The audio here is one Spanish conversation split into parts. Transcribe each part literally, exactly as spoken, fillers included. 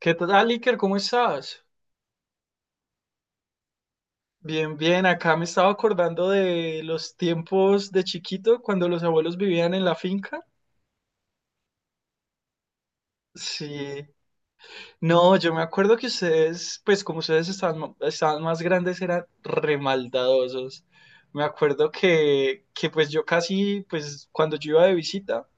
¿Qué tal, Iker? ¿Cómo estás? Bien, bien. Acá me estaba acordando de los tiempos de chiquito cuando los abuelos vivían en la finca. Sí. No, yo me acuerdo que ustedes, pues como ustedes estaban, mo- estaban más grandes, eran remaldadosos. Me acuerdo que, que pues yo casi, pues cuando yo iba de visita,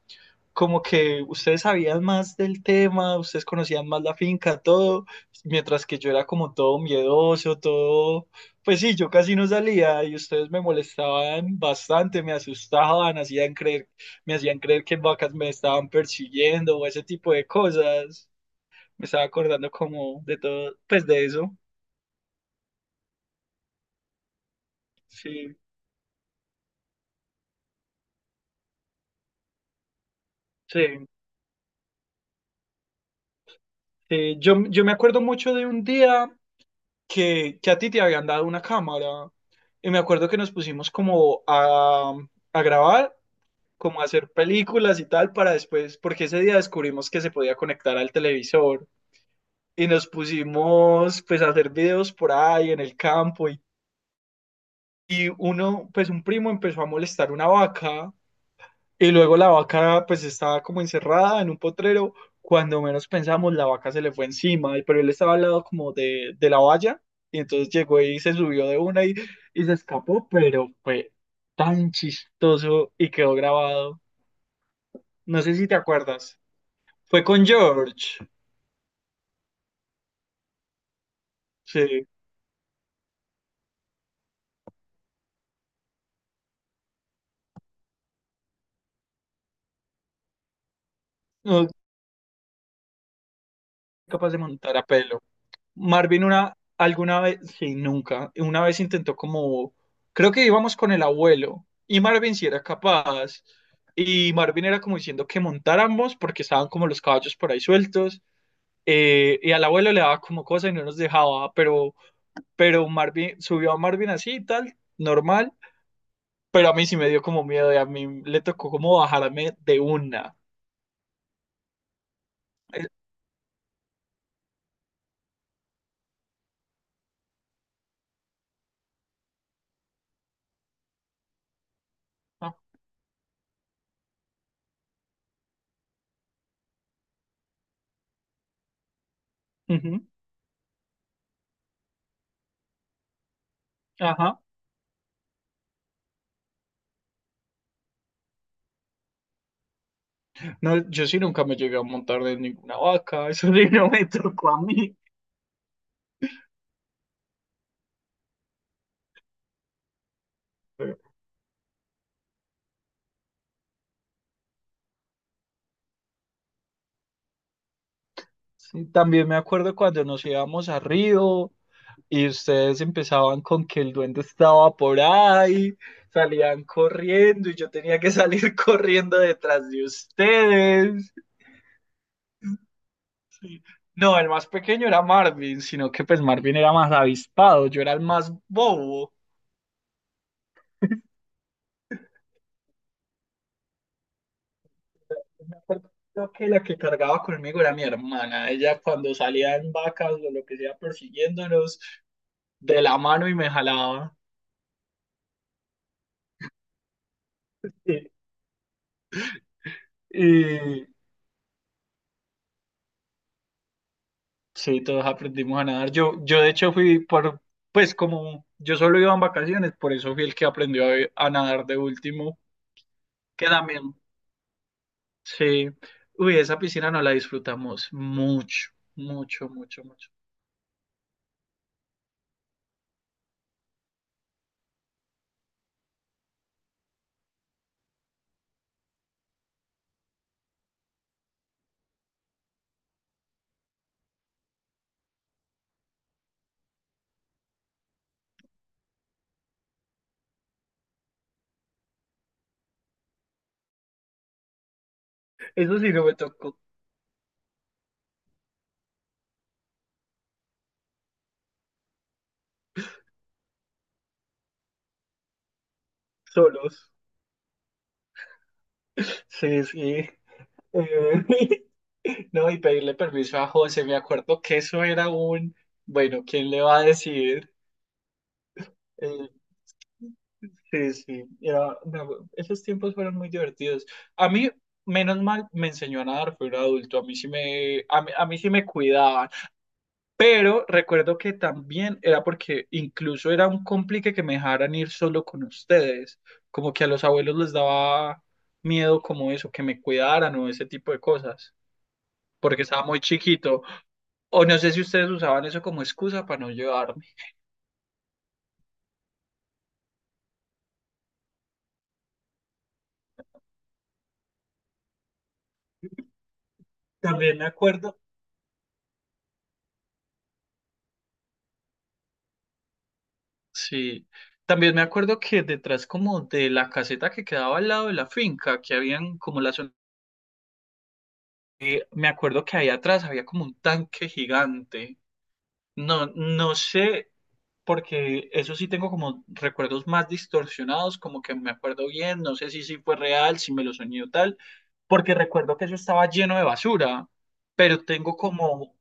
como que ustedes sabían más del tema, ustedes conocían más la finca, todo, mientras que yo era como todo miedoso, todo, pues sí, yo casi no salía y ustedes me molestaban bastante, me asustaban, hacían creer, me hacían creer que vacas me estaban persiguiendo o ese tipo de cosas. Me estaba acordando como de todo, pues de eso. Sí, sí. Sí. yo, yo me acuerdo mucho de un día que, que a ti te habían dado una cámara. Y me acuerdo que nos pusimos como a, a grabar, como a hacer películas y tal para después, porque ese día descubrimos que se podía conectar al televisor y nos pusimos pues a hacer videos por ahí en el campo y, y uno, pues un primo empezó a molestar una vaca. Y luego la vaca pues estaba como encerrada en un potrero. Cuando menos pensamos, la vaca se le fue encima, y- pero él estaba al lado como de, de la valla. Y entonces llegó y se subió de una y, y se escapó, pero fue tan chistoso y quedó grabado. No sé si te acuerdas. Fue con George. Sí. No, capaz de montar a pelo. Marvin una, alguna vez, sí, nunca, una vez intentó como, creo que íbamos con el abuelo y Marvin sí era capaz y Marvin era como diciendo que montáramos porque estaban como los caballos por ahí sueltos, eh, y al abuelo le daba como cosa y no nos dejaba, pero, pero Marvin subió a Marvin así y tal, normal, pero a mí sí me dio como miedo y a mí le tocó como bajarme de una. Eh, ah, ujú, ajá. No, yo sí nunca me llegué a montar de ninguna vaca, eso sí no me tocó a mí. Sí, también me acuerdo cuando nos íbamos a Río y ustedes empezaban con que el duende estaba por ahí, salían corriendo y yo tenía que salir corriendo detrás de ustedes. Sí. No, el más pequeño era Marvin, sino que pues Marvin era más avispado, yo era el más bobo. Me acuerdo que la que cargaba conmigo era mi hermana, ella cuando salía en vacas o lo que sea persiguiéndonos de la mano y me jalaba. Y, y- sí, todos aprendimos a nadar. Yo, yo de hecho fui por, pues como yo solo iba en vacaciones, por eso fui el que aprendió a, a nadar de último, que también, sí. Uy, esa piscina no la disfrutamos mucho, mucho, mucho, mucho. Eso sí, no me tocó solos. Sí, sí. Eh, No, y pedirle permiso a José, me acuerdo que eso era un, bueno, ¿quién le va a decir? Eh, Sí, sí, era, me acu- esos tiempos fueron muy divertidos. A mí, menos mal, me enseñó a nadar, fui un adulto, a mí sí me, a mí, a mí sí me cuidaban, pero recuerdo que también era porque incluso era un complique que me dejaran ir solo con ustedes, como que a los abuelos les daba miedo como eso, que me cuidaran o ese tipo de cosas, porque estaba muy chiquito, o no sé si ustedes usaban eso como excusa para no llevarme. También me acuerdo. Sí, también me acuerdo que detrás como de la caseta que quedaba al lado de la finca, que habían como la zona, eh, me acuerdo que ahí atrás había como un tanque gigante. No, no sé, porque eso sí tengo como recuerdos más distorsionados, como que me acuerdo bien, no sé si sí fue real, si me lo soñé o tal, porque recuerdo que eso estaba lleno de basura, pero tengo como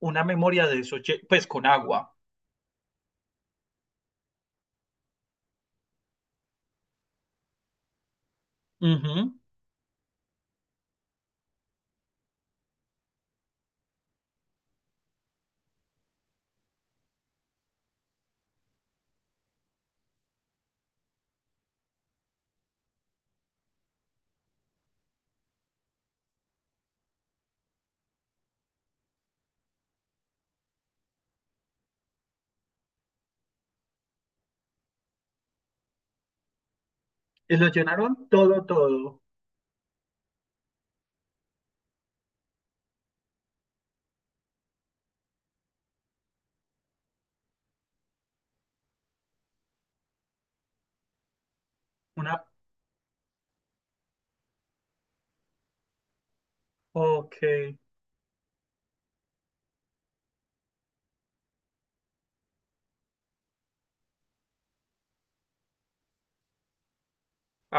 una memoria de eso, lle- pues con agua. Ujú. Y lo llenaron todo, todo. Una... Ok.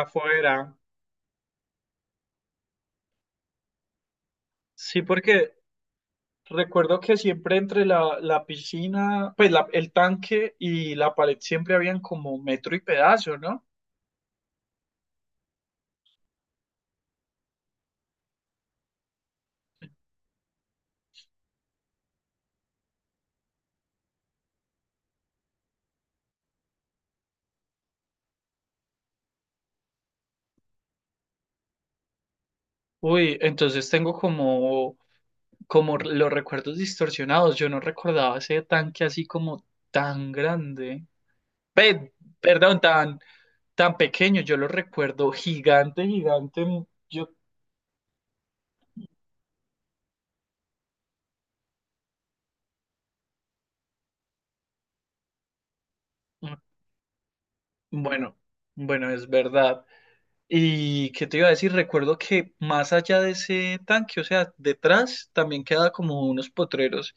Afuera. Sí, porque recuerdo que siempre entre la, la piscina, pues la- el tanque y la pared siempre habían como metro y pedazo, ¿no? Uy, entonces tengo como, como los recuerdos distorsionados. Yo no recordaba ese tanque así como tan grande. Pe- perdón, tan, tan pequeño. Yo lo recuerdo gigante, gigante. Yo, mm, bueno, bueno, es verdad. Y qué te iba a decir, recuerdo que más allá de ese tanque, o sea, detrás también quedaba como unos potreros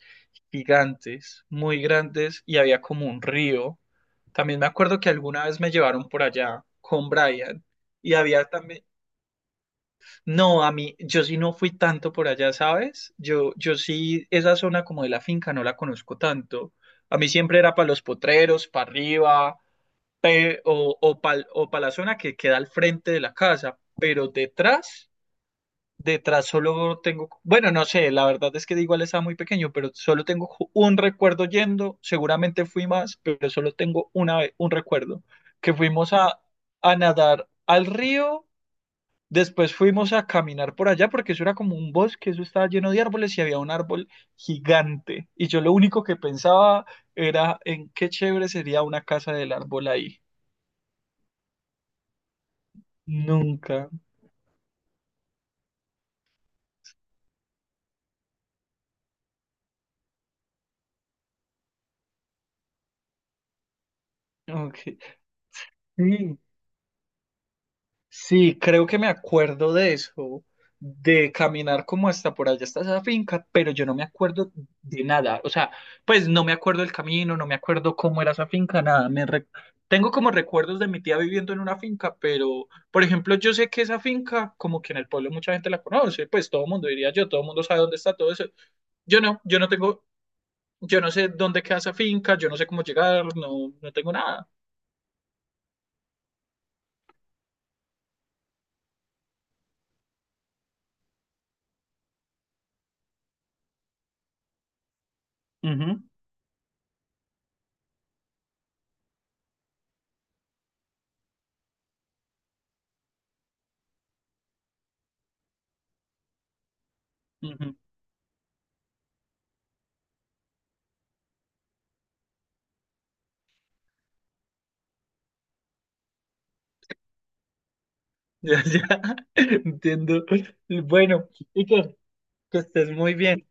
gigantes, muy grandes, y había como un río. También me acuerdo que alguna vez me llevaron por allá con Brian y había también, no, a mí, yo sí no fui tanto por allá, ¿sabes? Yo, yo sí, esa zona como de la finca no la conozco tanto. A mí siempre era para los potreros, para arriba, pe- o, o, para o para la zona que queda al frente de la casa, pero detrás, detrás solo tengo, bueno, no sé, la verdad es que igual estaba muy pequeño, pero solo tengo ju- un recuerdo yendo, seguramente fui más, pero solo tengo una vez, un recuerdo, que fuimos a, a nadar al río, después fuimos a caminar por allá, porque eso era como un bosque, eso estaba lleno de árboles y había un árbol gigante, y yo lo único que pensaba era en qué chévere sería una casa del árbol ahí. Nunca. Ok. Sí, sí, creo que me acuerdo de eso, de caminar como hasta por allá, hasta esa finca, pero yo no me acuerdo de nada. O sea, pues no me acuerdo del camino, no me acuerdo cómo era esa finca, nada. Me re- Tengo como recuerdos de mi tía viviendo en una finca, pero, por ejemplo, yo sé que esa finca, como que en el pueblo mucha gente la conoce, pues todo el mundo diría yo, todo el mundo sabe dónde está todo eso. Yo no, yo no tengo, yo no sé dónde queda esa finca, yo no sé cómo llegar, no, no tengo nada. Ujú, ujú. Ya, ya, entiendo. Bueno, Iker, que estés muy bien.